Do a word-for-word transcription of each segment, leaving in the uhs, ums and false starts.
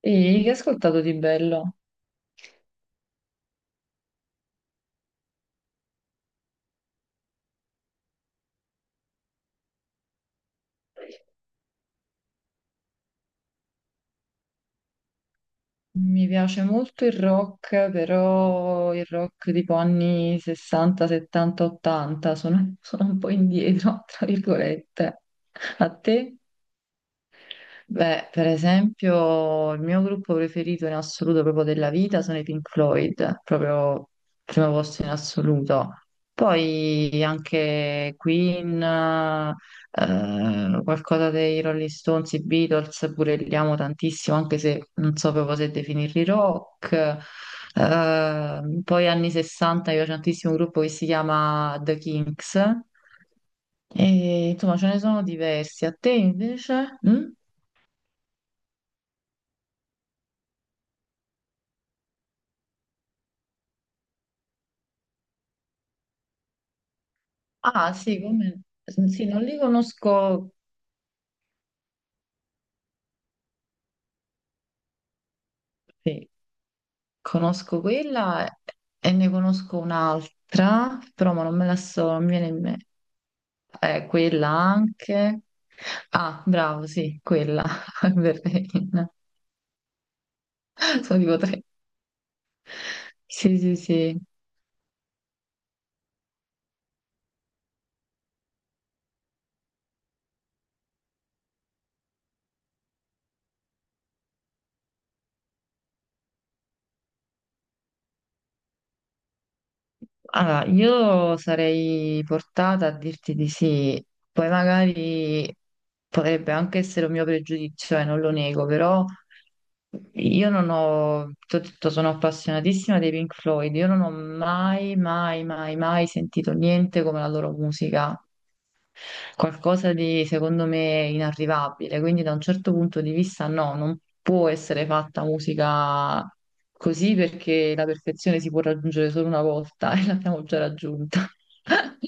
E che ho ascoltato di bello? Mi piace molto il rock, però il rock tipo anni sessanta, settanta, ottanta, sono, sono un po' indietro, tra virgolette. A te? Beh, per esempio, il mio gruppo preferito in assoluto proprio della vita sono i Pink Floyd, proprio primo posto in assoluto. Poi anche Queen, eh, qualcosa dei Rolling Stones, i Beatles, pure li amo tantissimo, anche se non so proprio se definirli rock. Eh, poi anni sessanta mi piace tantissimo un gruppo che si chiama The Kinks. E, insomma, ce ne sono diversi. A te invece? Mm? Ah, sì, come... Sì, non li conosco, sì, conosco quella e ne conosco un'altra, però ma non me la so, non mi viene in me. Eh, quella anche. Ah, bravo, sì, quella, Berlina. Sono tipo tre. Sì, sì, sì. Allora, io sarei portata a dirti di sì, poi magari potrebbe anche essere un mio pregiudizio, e non lo nego, però... Io non ho, ti ho detto, sono appassionatissima dei Pink Floyd, io non ho mai, mai, mai, mai sentito niente come la loro musica, qualcosa di secondo me inarrivabile, quindi da un certo punto di vista no, non può essere fatta musica così perché la perfezione si può raggiungere solo una volta e l'abbiamo già raggiunta.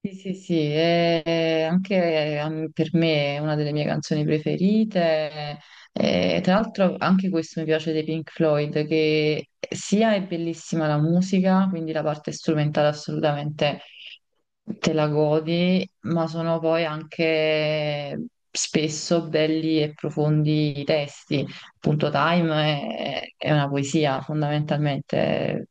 Sì, sì, sì, e anche ehm, per me è una delle mie canzoni preferite. E tra l'altro anche questo mi piace dei Pink Floyd, che sia è bellissima la musica, quindi la parte strumentale assolutamente te la godi, ma sono poi anche spesso belli e profondi i testi. Appunto, Time è, è una poesia fondamentalmente,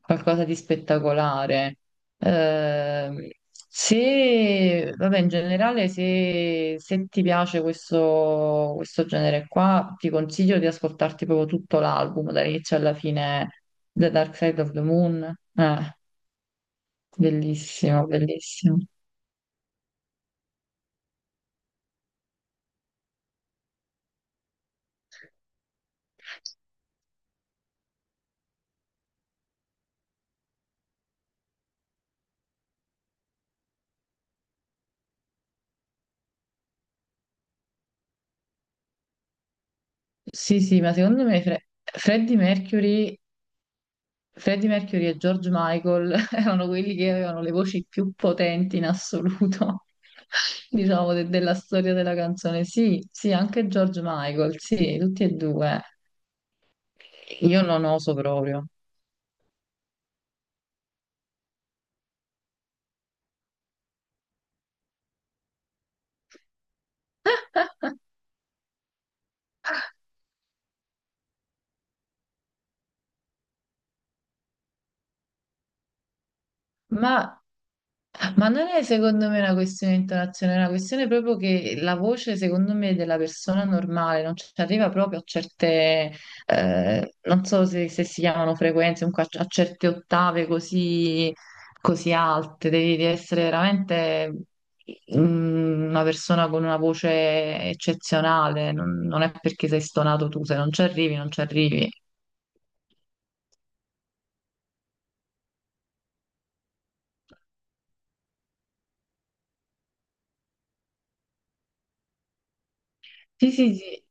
qualcosa di spettacolare. Ehm, se, vabbè, in generale, se, se ti piace questo, questo genere qua, ti consiglio di ascoltarti proprio tutto l'album, dall'inizio alla fine, The Dark Side of the Moon. Eh, bellissimo, bellissimo. Sì, sì, ma secondo me Fre- Freddie Mercury Freddie Mercury e George Michael erano quelli che avevano le voci più potenti in assoluto, diciamo, de- della storia della canzone. Sì, sì, anche George Michael, sì, tutti e due. Io non oso proprio. Ma, ma non è secondo me una questione di intonazione, è una questione proprio che la voce, secondo me, della persona normale non ci arriva proprio a certe, eh, non so se, se si chiamano frequenze, comunque a, a, certe ottave così, così alte, devi, devi essere veramente mm, una persona con una voce eccezionale, non, non è perché sei stonato tu, se non ci arrivi, non ci arrivi. Sì, sì, sì.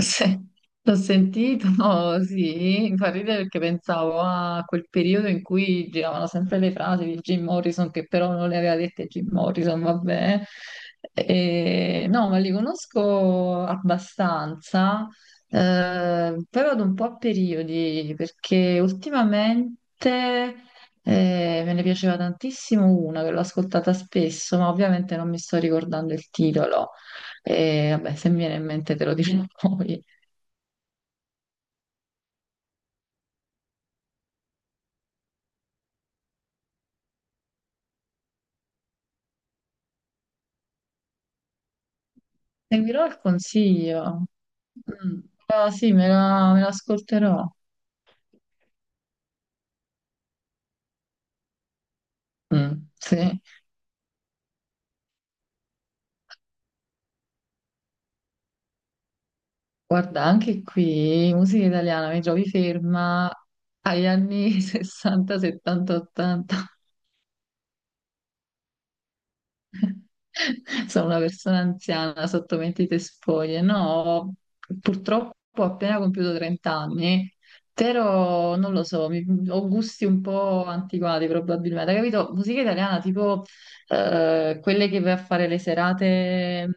Sì, l'ho sentito, no, sì, mi fa ridere perché pensavo a quel periodo in cui giravano sempre le frasi di Jim Morrison, che però non le aveva dette Jim Morrison, vabbè. E, no, ma li conosco abbastanza, eh, però ad un po' a periodi, perché ultimamente eh, me ne piaceva tantissimo una che l'ho ascoltata spesso, ma ovviamente non mi sto ricordando il titolo. E vabbè, se mi viene in mente te lo dirò poi. Seguirò il consiglio. Mm. Ah, sì, me la, me l'ascolterò. Mm, sì. Guarda, anche qui, musica italiana, mi trovi ferma agli anni sessanta, settanta, ottanta. Sono una persona anziana sotto mentite spoglie. No, purtroppo ho appena compiuto trenta anni, però non lo so, mi- ho gusti un po' antiquati probabilmente. Capito? Musica italiana tipo eh, quelle che vai a fare le serate,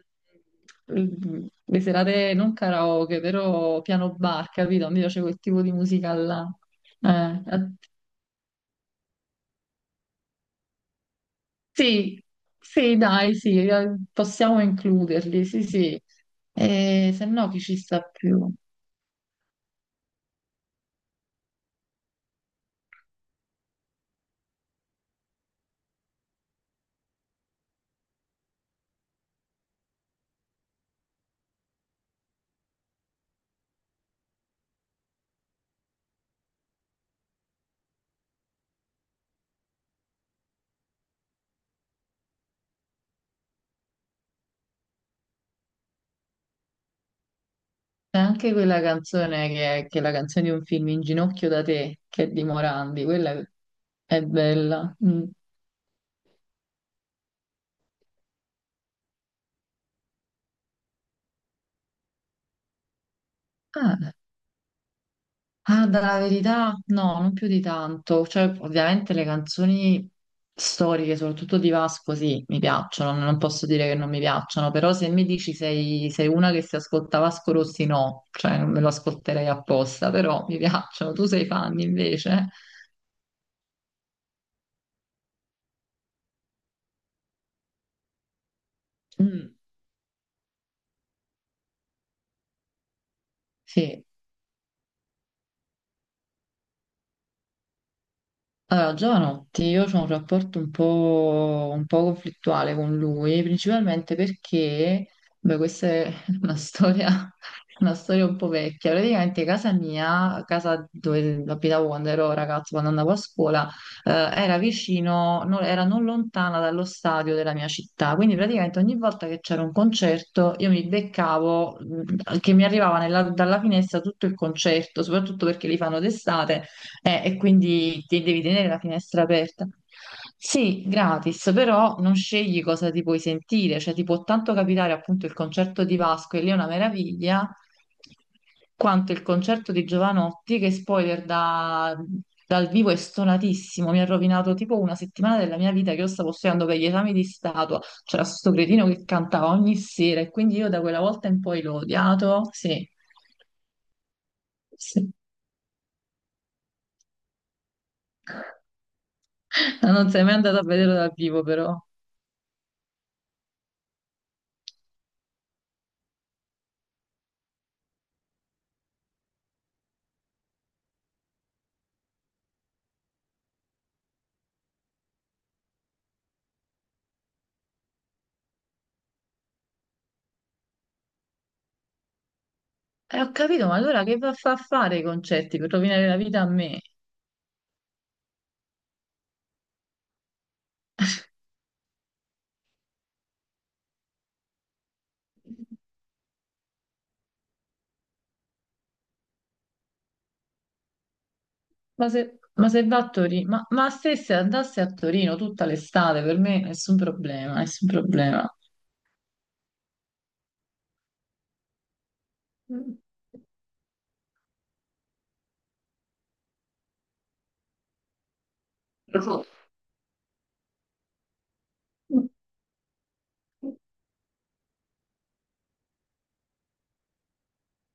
mm, le serate non karaoke, però piano bar, capito? Mi piace quel tipo di musica là. Eh, a- sì, sì, dai, sì, eh, possiamo includerli, sì, sì. E se no chi ci sta più? C'è anche quella canzone che è, che è la canzone di un film In ginocchio da te, che è di Morandi, quella è bella. Mm. Ah, ah, dalla verità, no, non più di tanto. Cioè, ovviamente le canzoni storiche, soprattutto di Vasco, sì, mi piacciono, non posso dire che non mi piacciono, però se mi dici sei, sei una che si ascolta Vasco Rossi, no, cioè non me lo ascolterei apposta, però mi piacciono, tu sei fan invece. Mm, sì. Allora, giovanotti, io ho un rapporto un po', un po' conflittuale con lui, principalmente perché, beh, questa è una storia, una storia, un po' vecchia. Praticamente casa mia, casa dove abitavo quando ero ragazzo, quando andavo a scuola, eh, era vicino, non- era non lontana dallo stadio della mia città. Quindi praticamente ogni volta che c'era un concerto, io mi beccavo, mh, che mi arrivava nella- dalla finestra tutto il concerto, soprattutto perché li fanno d'estate eh, e quindi ti devi tenere la finestra aperta. Sì, gratis, però non scegli cosa ti puoi sentire, cioè ti può tanto capitare appunto il concerto di Vasco e lì è una meraviglia, quanto il concerto di Giovanotti che spoiler da- dal vivo è stonatissimo, mi ha rovinato tipo una settimana della mia vita che io stavo studiando per gli esami di statua, c'era sto cretino che cantava ogni sera e quindi io da quella volta in poi l'ho odiato, sì, sì. Non sei mai andato a vederlo dal vivo però. Eh, ho capito, ma allora che va a fa fare i concerti per rovinare la vita a me? Ma se, ma se va a Torino, ma, ma se se andasse a Torino tutta l'estate, per me nessun problema, nessun problema.